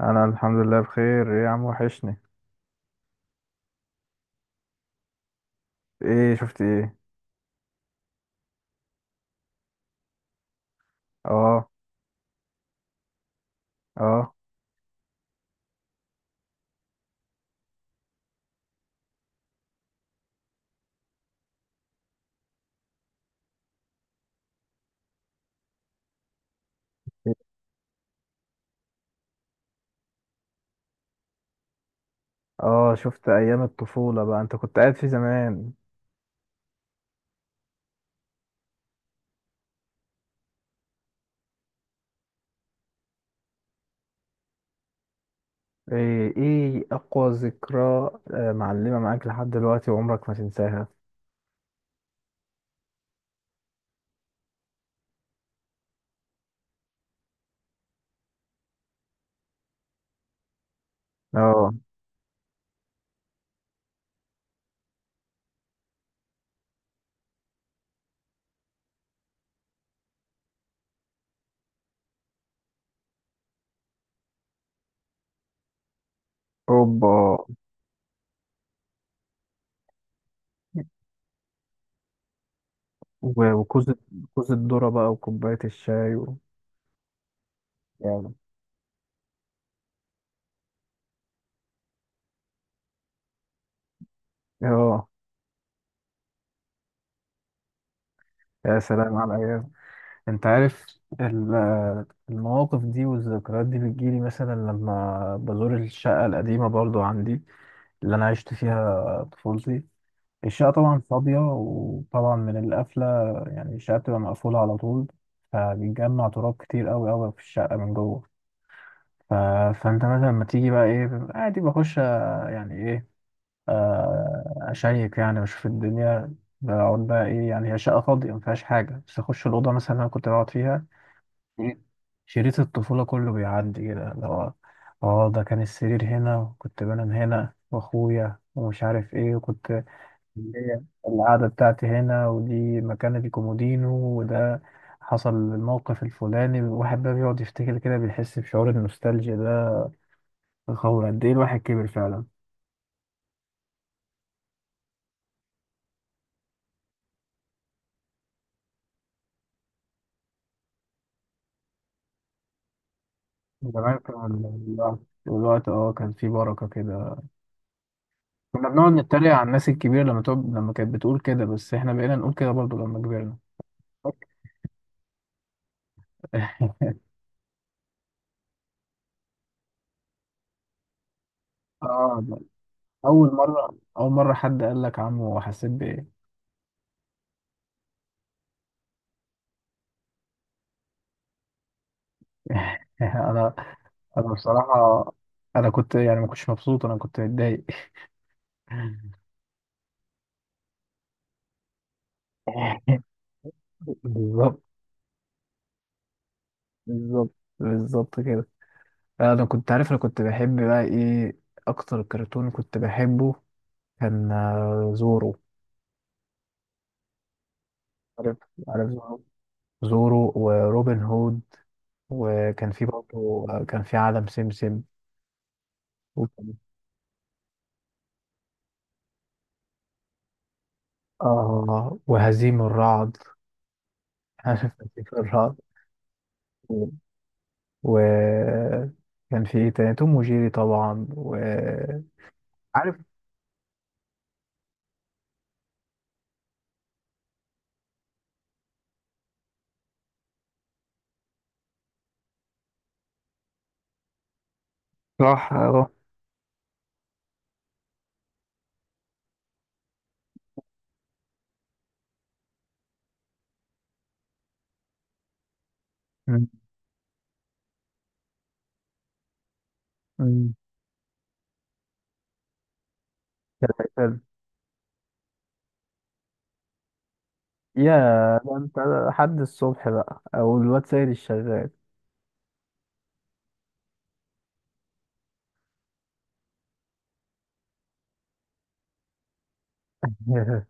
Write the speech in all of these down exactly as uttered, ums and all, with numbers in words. انا الحمد لله بخير. ايه يا عم، وحشني. ايه؟ شفت ايه؟ اه، اه، اه، شفت ايام الطفولة بقى، انت كنت قاعد في زمان؟ ايه؟ ايه اقوى ذكرى؟ آه، معلمة معاك لحد دلوقتي وعمرك ما تنساها. اه، اوبا. و- وكوز، كوز الذرة بقى وكوباية الشاي و... يعني. اه، يا سلام على الايام. انت عارف، ال- آه، المواقف دي والذكريات دي بتجيلي مثلا لما بزور الشقة القديمة برضو عندي، اللي أنا عشت فيها طفولتي. الشقة طبعا فاضية وطبعا من القفلة، يعني الشقة بتبقى مقفولة على طول، فبيتجمع تراب كتير أوي أوي في الشقة من جوه. ف... فأنت مثلا لما تيجي بقى إيه، عادي بخش، آه، يعني إيه، آه، أشيك يعني وأشوف الدنيا. بقعد بقى إيه يعني، هي شقة فاضية مفيهاش حاجة، بس أخش الأوضة مثلا اللي أنا كنت بقعد فيها. شريط شريط الطفولة كله بيعدي كده، اللي هو اه ده كان السرير هنا وكنت بنام هنا واخويا ومش عارف ايه، وكنت اللي هي القعدة بتاعتي هنا، ودي مكانة الكومودينو، وده حصل الموقف الفلاني. الواحد بقى بيقعد يفتكر كده، بيحس بشعور النوستالجيا ده، هو قد ايه الواحد كبر فعلا. زمان كان الوقت الوقت اه كان فيه بركة كده. كنا بنقعد نتريق على الناس الكبيرة لما تقعد، لما كانت بتقول كده، بس احنا بقينا نقول كده برضو لما كبرنا. اه. اول مره، اول مره حد قال لك عمو حسيت بايه؟ انا، انا بصراحه، انا كنت يعني ما كنتش مبسوط، انا كنت متضايق. بالظبط، بالظبط، بالظبط كده. انا كنت عارف، انا كنت بحب بقى ايه، اكتر كرتون كنت بحبه كان آه، زورو. عارف، عارف زورو. زورو وروبن هود، وكان في برضه آه، كان في عالم سمسم، وكان- اه وهزيم الرعد. عارف هزيم الرعد. وكان في ايه تاني، توم وجيري طبعا، وعارف. راح، راح. مم. مم. كان- يا، ده انت حد الصبح بقى او الواد سيد الشغال.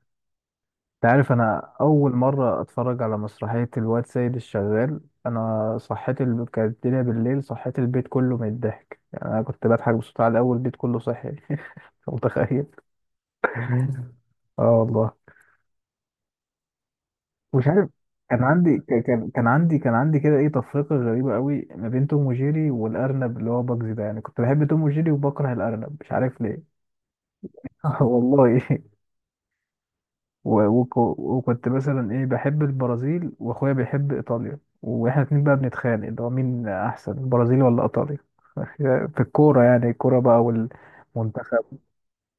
انت عارف انا اول مره اتفرج على مسرحيه الواد سيد الشغال. انا صحيت، ال... كانت الدنيا بالليل، صحيت البيت كله من الضحك، يعني انا كنت بضحك بصوت عالي، اول البيت كله صحي. انت متخيل؟ اه والله. مش عارف، كان عندي ك- كان كان عندي كان عندي كده ايه تفرقة غريبة قوي ما بين توم وجيري والأرنب اللي هو باجز ده، يعني كنت بحب توم وجيري وبكره الأرنب، مش عارف ليه. والله. و- وك- وكنت مثلا ايه بحب البرازيل واخويا بيحب ايطاليا، واحنا اتنين بقى بنتخانق اللي هو مين احسن، البرازيل ولا ايطاليا. في الكورة، يعني الكورة بقى والمنتخب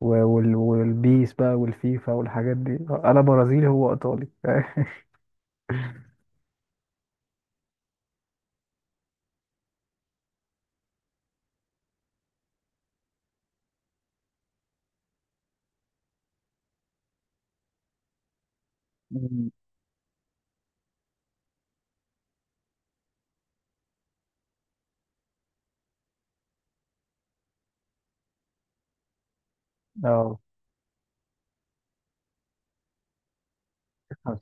و- وال- والبيس بقى والفيفا والحاجات دي. انا برازيلي هو ايطالي. مم. اه،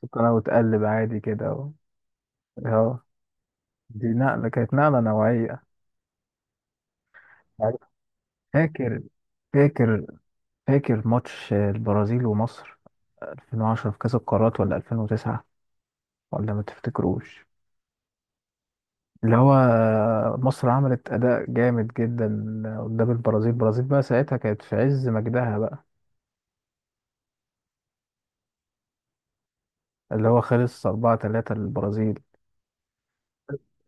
سكر وتقلب عادي كده اهو. اه، دي نقلة، كانت نقلة نوعية. فاكر، فاكر، فاكر ماتش البرازيل ومصر ألفين وعشرة في كأس القارات، ولا ألفين وتسعة، ولا ما تفتكروش؟ اللي هو مصر عملت أداء جامد جدا قدام البرازيل. البرازيل بقى ساعتها كانت في عز مجدها بقى. اللي هو خلص أربعة ثلاثة للبرازيل.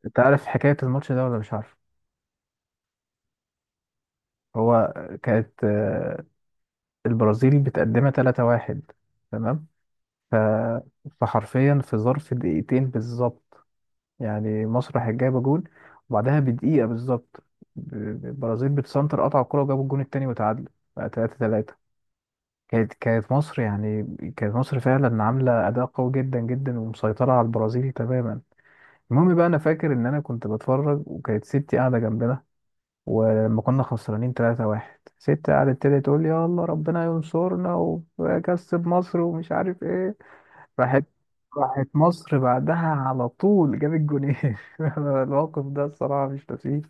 انت عارف حكاية الماتش ده ولا مش عارف؟ هو كانت، آه، البرازيل بتقدمها ثلاثة واحد. تمام. ف... فحرفيا في ظرف دقيقتين بالظبط، يعني مسرح جايبه جول، وبعدها بدقيقة بالظبط، ب- ب- البرازيل بتسنتر، قطع الكرة وجابوا الجون التاني وتعادلوا بقى تلاتة تلاتة. كانت كانت مصر يعني، كانت مصر فعلا عاملة أداء قوي جدا جدا ومسيطرة على البرازيل تماما. المهم بقى أنا فاكر إن أنا كنت بتفرج، وكانت ستي قاعدة جنبنا، ولما كنا خسرانين تلاتة واحد ستي قعدت تبتدي تقول لي يا الله ربنا ينصرنا ويكسب مصر ومش عارف ايه. راحت راحت مصر بعدها على طول جاب الجونين. الموقف ده الصراحة مش ناسيه.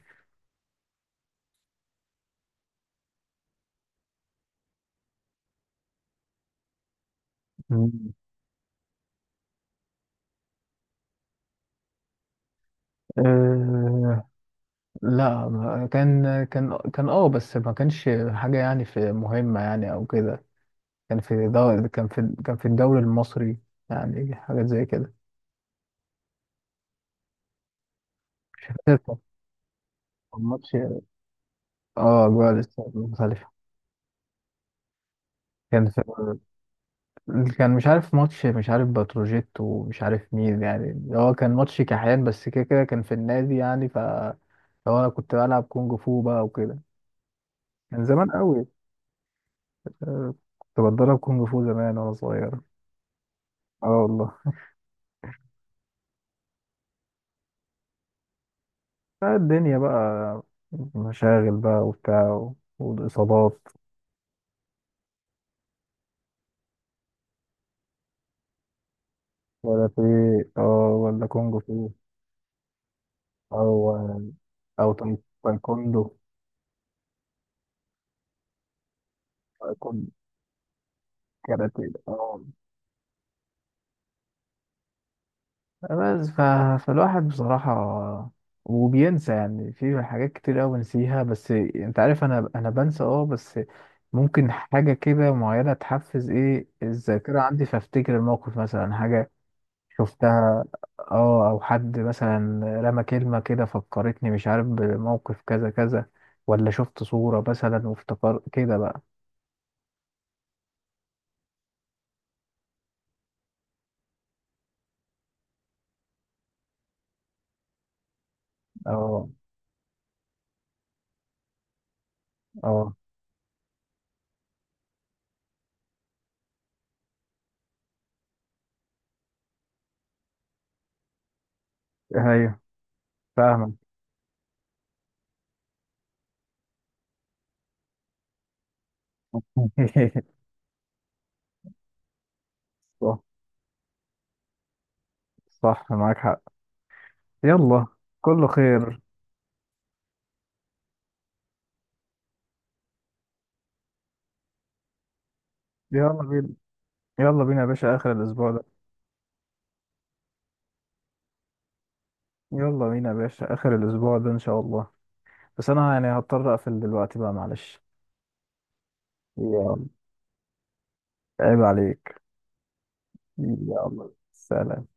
مم. أه لا، ما- كان كان كان اه، بس ما كانش حاجة يعني في مهمة يعني أو كده. كان في دو... كان في كان في الدوري المصري، يعني حاجات زي كده. مش فاكر. كان كان ماتش، اه، جوه الاستاد مختلفة. كان في، كان، مش عارف ماتش، مش عارف بتروجيت ومش عارف مين، يعني هو كان ماتش كحيان بس كده، كده كان في النادي يعني. ف لو انا كنت بلعب كونج فو بقى وكده من زمان قوي. آه، كنت بتدرب كونج فو زمان وانا صغير. اه والله. بقى الدنيا بقى، مشاغل بقى وبتاع و- والاصابات. ولا في اه، ولا كونج فو، او او تاي- تايكوندو، تايكوندو كاراتيه اه. بس ف... فالواحد بصراحة، وبينسى يعني، في حاجات كتير أوي بنسيها، بس أنت عارف أنا أنا بنسى أه، بس ممكن حاجة كده معينة تحفز إيه الذاكرة عندي فأفتكر الموقف مثلا. حاجة شفتها، أه، أو حد مثلا رمى كلمة كده فكرتني مش عارف بموقف كذا كذا، ولا شفت صورة مثلا وافتكر كده بقى. أه، أه، أيوه، فاهمك. صح، صح معاك حق. يلا، كله خير. يلا بينا. يلا بينا يا باشا آخر الأسبوع ده. يلا بينا يا باشا آخر الأسبوع ده إن شاء الله. بس أنا يعني هضطر أقفل دلوقتي بقى، معلش. يلا، عيب عليك. يلا، سلام.